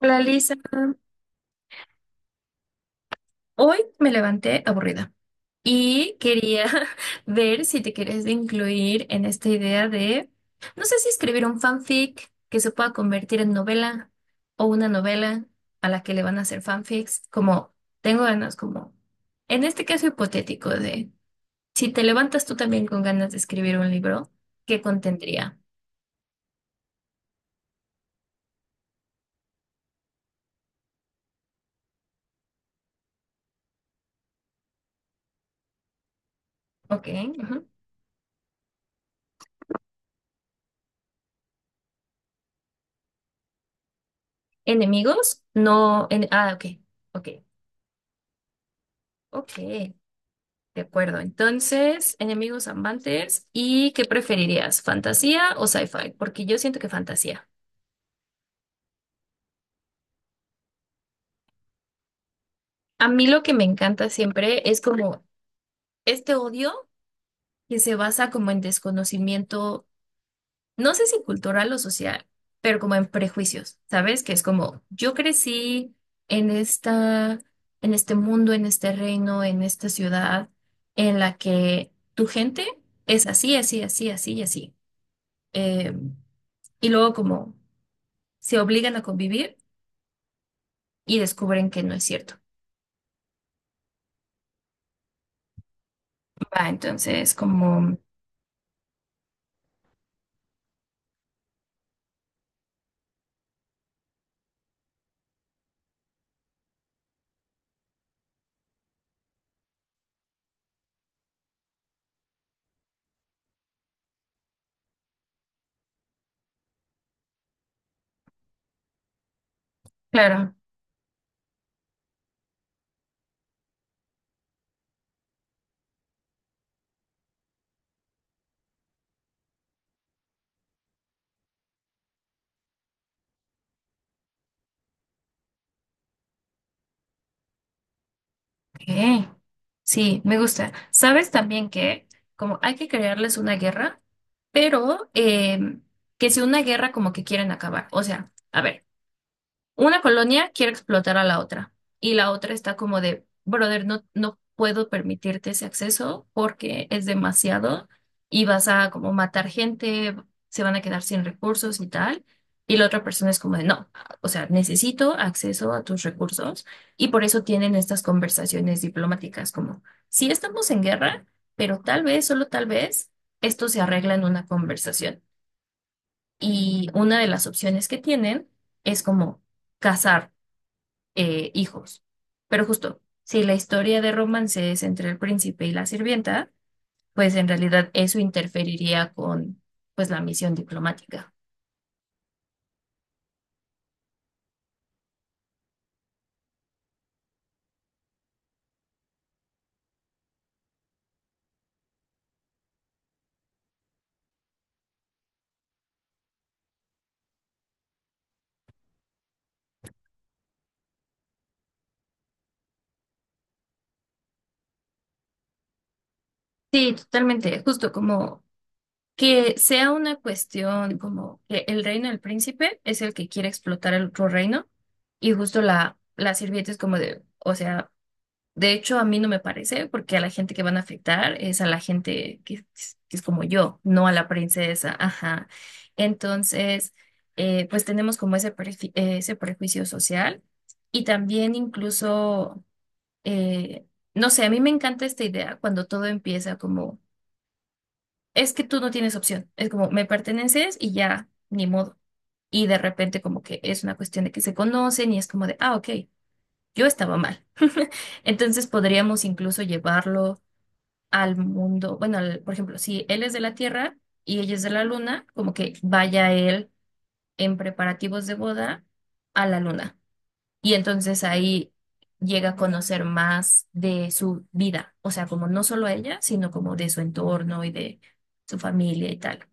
Hola Lisa, hoy me levanté aburrida y quería ver si te quieres incluir en esta idea de, no sé si escribir un fanfic que se pueda convertir en novela o una novela a la que le van a hacer fanfics, como tengo ganas, como en este caso hipotético de, si te levantas tú también con ganas de escribir un libro, ¿qué contendría? Ok, ujú. ¿Enemigos? No, ok, ok, ok. De acuerdo, entonces, enemigos amantes, ¿y qué preferirías? ¿Fantasía o sci-fi? Porque yo siento que fantasía. A mí lo que me encanta siempre es como este odio que se basa como en desconocimiento, no sé si cultural o social, pero como en prejuicios, ¿sabes? Que es como yo crecí en esta, en este mundo, en este reino, en esta ciudad en la que tu gente es así, así, así, así y así. Em, y luego como se obligan a convivir y descubren que no es cierto. Va, entonces, como, claro, ok, sí, me gusta. Sabes también que, como hay que crearles una guerra, pero que sea una guerra como que quieren acabar. O sea, a ver. Una colonia quiere explotar a la otra y la otra está como de, brother, no puedo permitirte ese acceso porque es demasiado y vas a como matar gente, se van a quedar sin recursos y tal. Y la otra persona es como de, no, o sea, necesito acceso a tus recursos y por eso tienen estas conversaciones diplomáticas como, sí estamos en guerra, pero tal vez, solo tal vez, esto se arregla en una conversación. Y una de las opciones que tienen es como cazar hijos. Pero justo, si la historia de romance es entre el príncipe y la sirvienta, pues en realidad eso interferiría con pues la misión diplomática. Sí, totalmente, justo como que sea una cuestión como que el reino del príncipe es el que quiere explotar el otro reino y justo la sirvienta es como de, o sea, de hecho, a mí no me parece, porque a la gente que van a afectar es a la gente que es como yo, no a la princesa. Ajá. Entonces, pues tenemos como ese, ese prejuicio social y también incluso, eh, no sé, a mí me encanta esta idea cuando todo empieza como, es que tú no tienes opción, es como, me perteneces y ya, ni modo. Y de repente como que es una cuestión de que se conocen y es como de, ah, ok, yo estaba mal. Entonces podríamos incluso llevarlo al mundo, bueno, al- por ejemplo, si él es de la Tierra y ella es de la Luna, como que vaya él en preparativos de boda a la Luna. Y entonces ahí llega a conocer más de su vida, o sea, como no solo a ella, sino como de su entorno y de su familia y tal.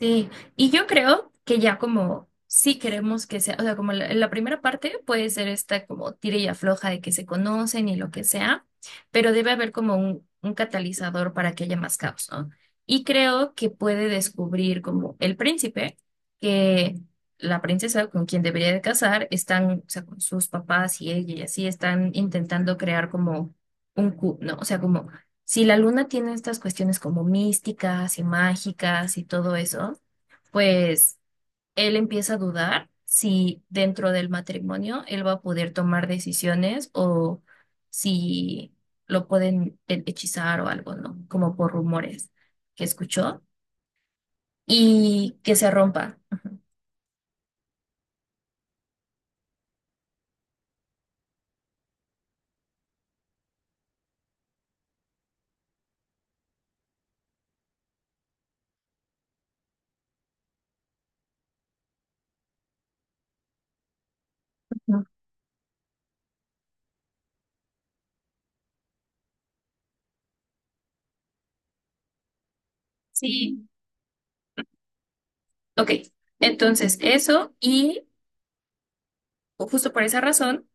Sí, y yo creo que ya como sí queremos que sea, o sea, como la primera parte puede ser esta como tira y afloja de que se conocen y lo que sea, pero debe haber como un catalizador para que haya más caos, ¿no? Y creo que puede descubrir como el príncipe que la princesa con quien debería de casar están, o sea, con sus papás y ella y así están intentando crear como un cu, ¿no? O sea, como... Si la luna tiene estas cuestiones como místicas y mágicas y todo eso, pues él empieza a dudar si dentro del matrimonio él va a poder tomar decisiones o si lo pueden hechizar o algo, ¿no? Como por rumores que escuchó y que se rompa. Ujú. Sí, ok. Entonces, eso y justo por esa razón,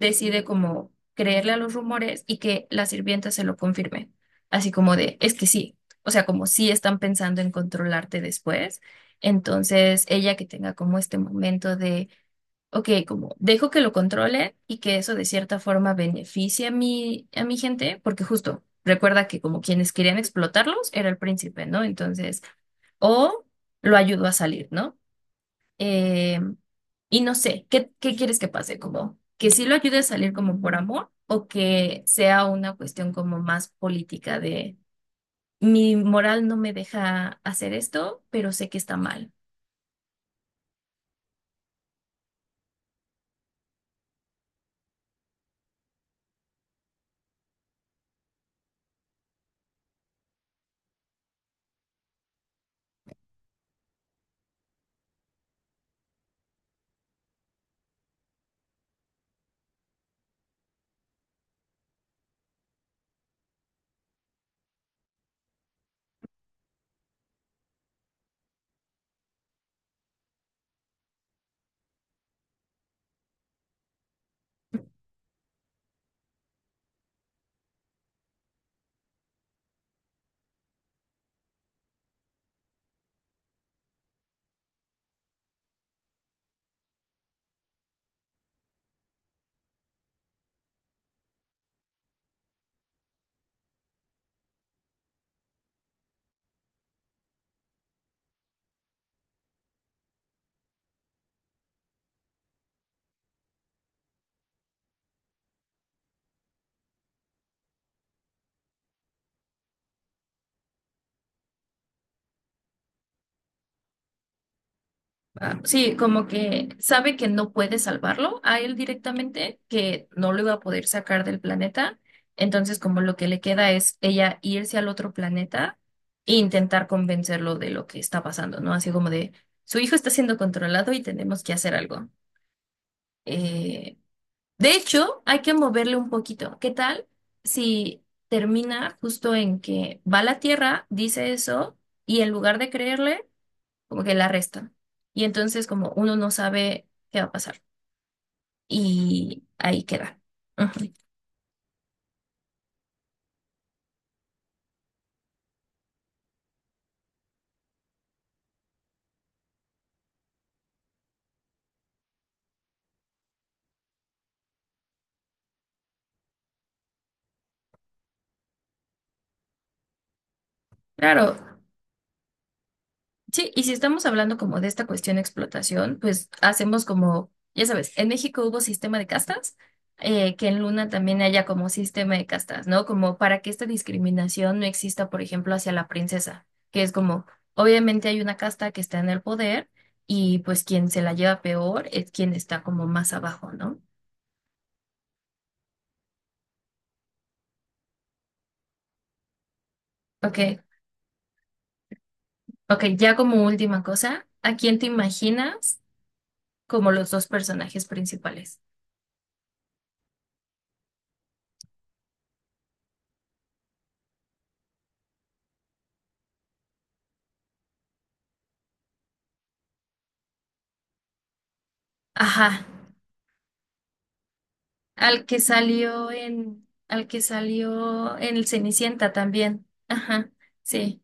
decide como creerle a los rumores y que la sirvienta se lo confirme, así como de, es que sí, o sea, como sí están pensando en controlarte después, entonces ella que tenga como este momento de, ok, como dejo que lo controle y que eso de cierta forma beneficie a mi gente, porque justo recuerda que como quienes querían explotarlos era el príncipe, ¿no? Entonces, o lo ayudó a salir, ¿no? Eh, y no sé, ¿qué, qué quieres que pase? Como que sí lo ayude a salir como por amor o que sea una cuestión como más política de mi moral no me deja hacer esto, pero sé que está mal. Ah, sí, como que sabe que no puede salvarlo a él directamente, que no lo iba a poder sacar del planeta. Entonces, como lo que le queda es ella irse al otro planeta e intentar convencerlo de lo que está pasando, ¿no? Así como de, su hijo está siendo controlado y tenemos que hacer algo. Eh, de hecho, hay que moverle un poquito. ¿Qué tal si termina justo en que va a la Tierra, dice eso, y en lugar de creerle como que la resta? Y entonces como uno no sabe qué va a pasar. Y ahí queda. Ujú. Claro, sí, y si estamos hablando como de esta cuestión de explotación, pues hacemos como, ya sabes, en México hubo sistema de castas, que en Luna también haya como sistema de castas, ¿no? Como para que esta discriminación no exista, por ejemplo, hacia la princesa, que es como, obviamente hay una casta que está en el poder y pues quien se la lleva peor es quien está como más abajo, ¿no? Ok, ok, ya como última cosa, ¿a quién te imaginas como los dos personajes principales? Ajá, al que salió en, al que salió en el Cenicienta también. Ajá, sí.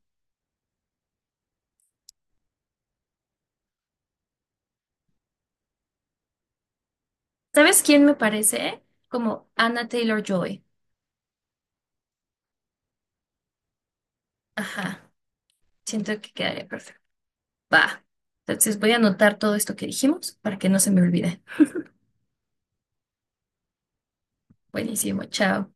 ¿Sabes quién me parece? Como Anna Taylor-Joy. Ajá, siento que quedaría perfecto. Va. Entonces voy a anotar todo esto que dijimos para que no se me olvide. Buenísimo, chao.